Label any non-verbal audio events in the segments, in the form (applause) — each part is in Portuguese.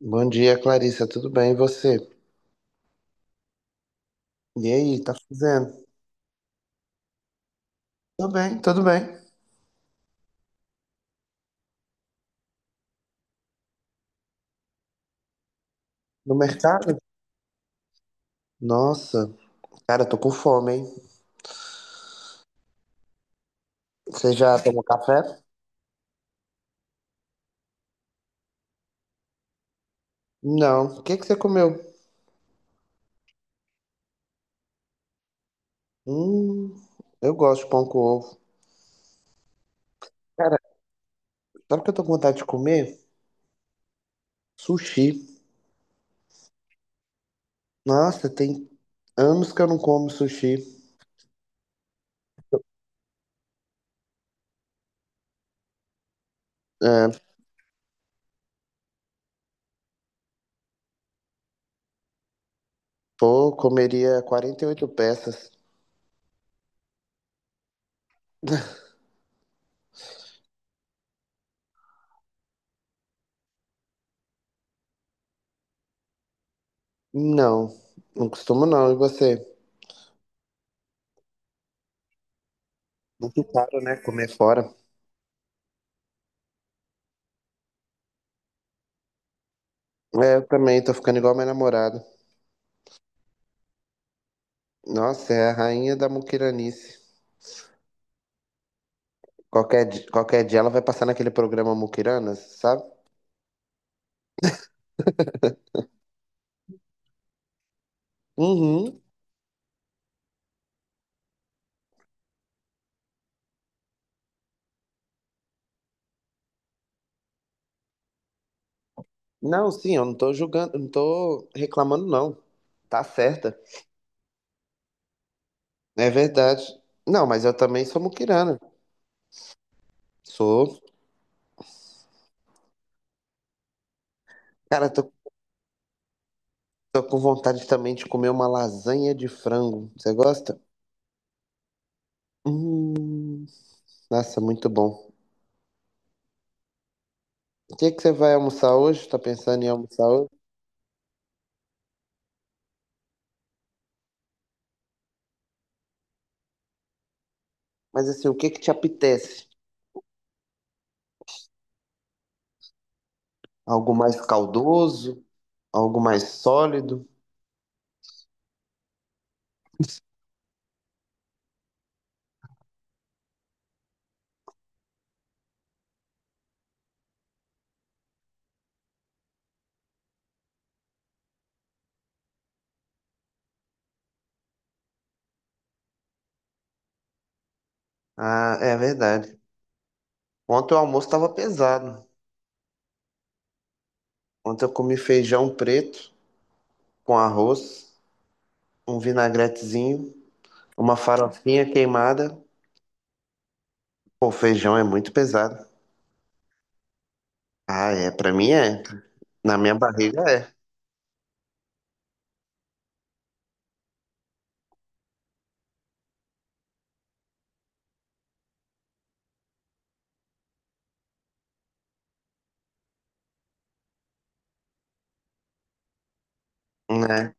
Bom dia, Clarissa. Tudo bem? E você? E aí, tá fazendo? Tudo bem, tudo bem. No mercado? Nossa, cara, eu tô com fome, hein? Você já tomou café? Não. O que que você comeu? Hum, eu gosto de pão com ovo. Cara, sabe o que eu tô com vontade de comer? Sushi. Nossa, tem anos que eu não como sushi. É, pô, comeria 48 peças. Não, não costumo não. E você? Muito caro, né? Comer fora. É, eu também tô ficando igual minha namorada. Nossa, é a rainha da muquiranice. Qualquer, qualquer dia ela vai passar naquele programa Muquiranas, sabe? Uhum. Não, sim, eu não tô julgando, não tô reclamando, não. Tá certa. É verdade. Não, mas eu também sou muquirana. Sou. Cara, tô com vontade também de comer uma lasanha de frango. Você gosta? Hum, nossa, muito bom. O que que você vai almoçar hoje? Tá pensando em almoçar hoje? Mas assim, o que que te apetece? Algo mais caldoso? Algo mais sólido? Ah, é verdade. Ontem o almoço estava pesado. Ontem eu comi feijão preto com arroz, um vinagretezinho, uma farofinha queimada. Pô, feijão é muito pesado. Ah, é, pra mim é. Na minha barriga é, né?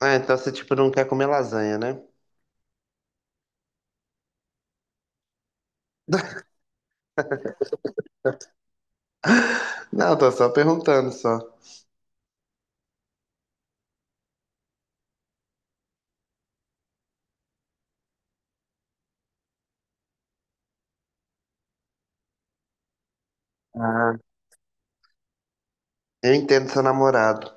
Ah, então você tipo não quer comer lasanha, né? (laughs) Não, tô só perguntando só. Ah, eu entendo seu namorado.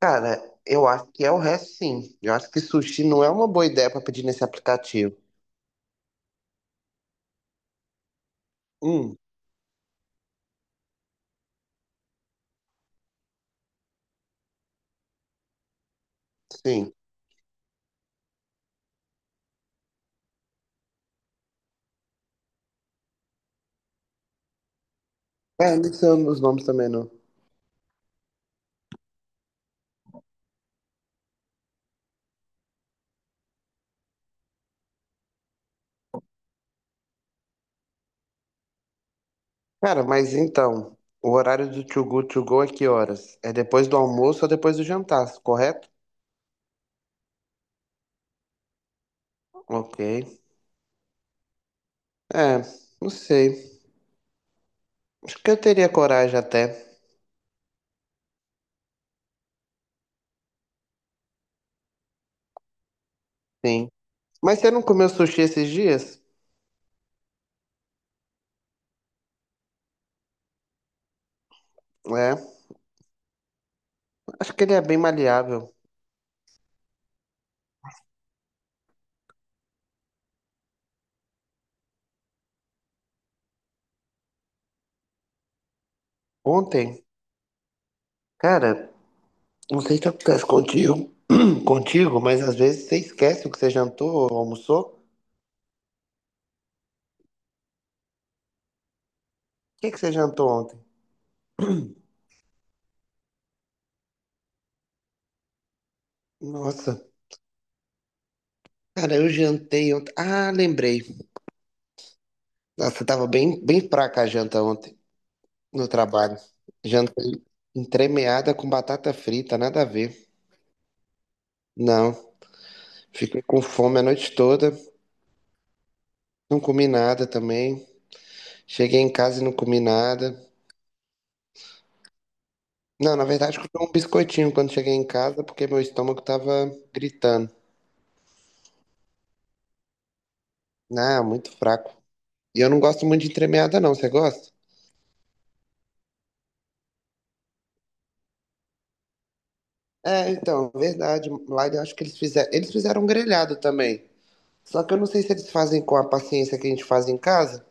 Cara, eu acho que é o resto sim. Eu acho que sushi não é uma boa ideia pra pedir nesse aplicativo. Hum, sim. É, não sei os nomes também não. Cara, mas então, o horário do To Go To Go é que horas? É depois do almoço ou depois do jantar, correto? Ok. É, não sei. Acho que eu teria coragem até, sim. Mas você não comeu sushi esses dias? É, acho que ele é bem maleável. Ontem, cara, não sei se acontece contigo, (clears throat) contigo, mas às vezes você esquece o que você jantou ou almoçou. O que que você jantou ontem? Nossa, cara, eu jantei ontem. Ah, lembrei. Nossa, tava bem, bem fraca a janta ontem. No trabalho. Janta entremeada com batata frita, nada a ver. Não, fiquei com fome a noite toda, não comi nada também. Cheguei em casa e não comi nada. Não, na verdade, comi um biscoitinho quando cheguei em casa porque meu estômago tava gritando. Ah, muito fraco. E eu não gosto muito de entremeada, não. Você gosta? É, então, verdade. Lá eu acho que eles fizeram. Eles fizeram um grelhado também. Só que eu não sei se eles fazem com a paciência que a gente faz em casa.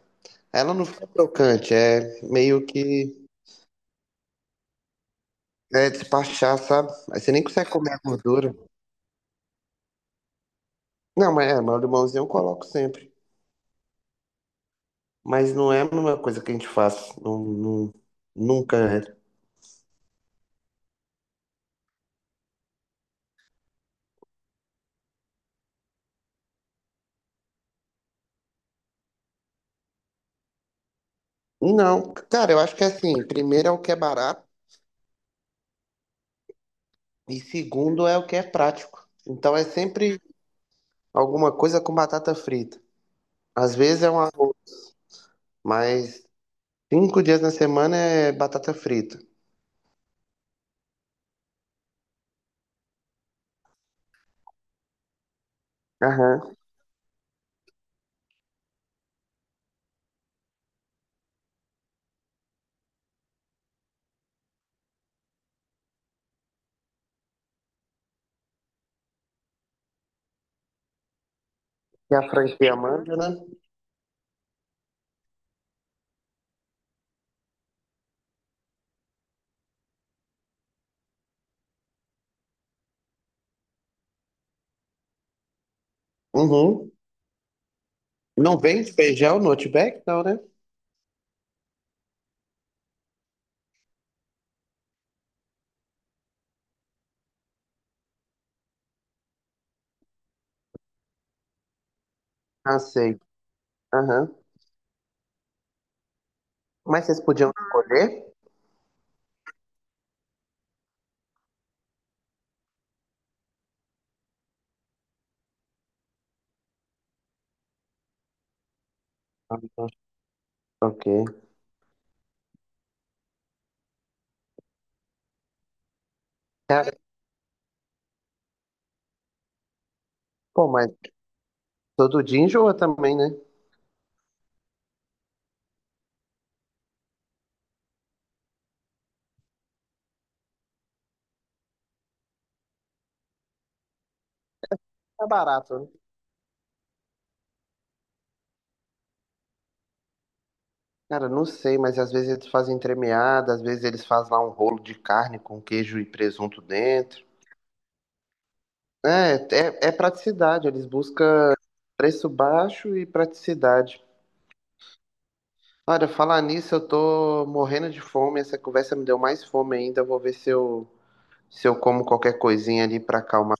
Ela não fica crocante, é meio que é despachar, sabe? Aí você nem consegue comer a gordura. Não, mas é, mas o limãozinho eu coloco sempre. Mas não é uma coisa que a gente faz. Nunca é. Não, cara, eu acho que é assim, primeiro é o que é barato e segundo é o que é prático. Então é sempre alguma coisa com batata frita. Às vezes é um arroz, mas 5 dias na semana é batata frita. Aham. E a franquia manda, né? Uhum. Não vende feijão no Outback, não, né? Ah, sei. Aham. Mas vocês podiam escolher? Ah, então, ok. Cara, pô, mas todo dia enjoa também, né? É barato, né? Cara, não sei, mas às vezes eles fazem entremeada, às vezes eles fazem lá um rolo de carne com queijo e presunto dentro. É, é, é praticidade, eles buscam preço baixo e praticidade. Olha, falar nisso, eu tô morrendo de fome, essa conversa me deu mais fome ainda, eu vou ver se eu, se eu como qualquer coisinha ali pra acalmar.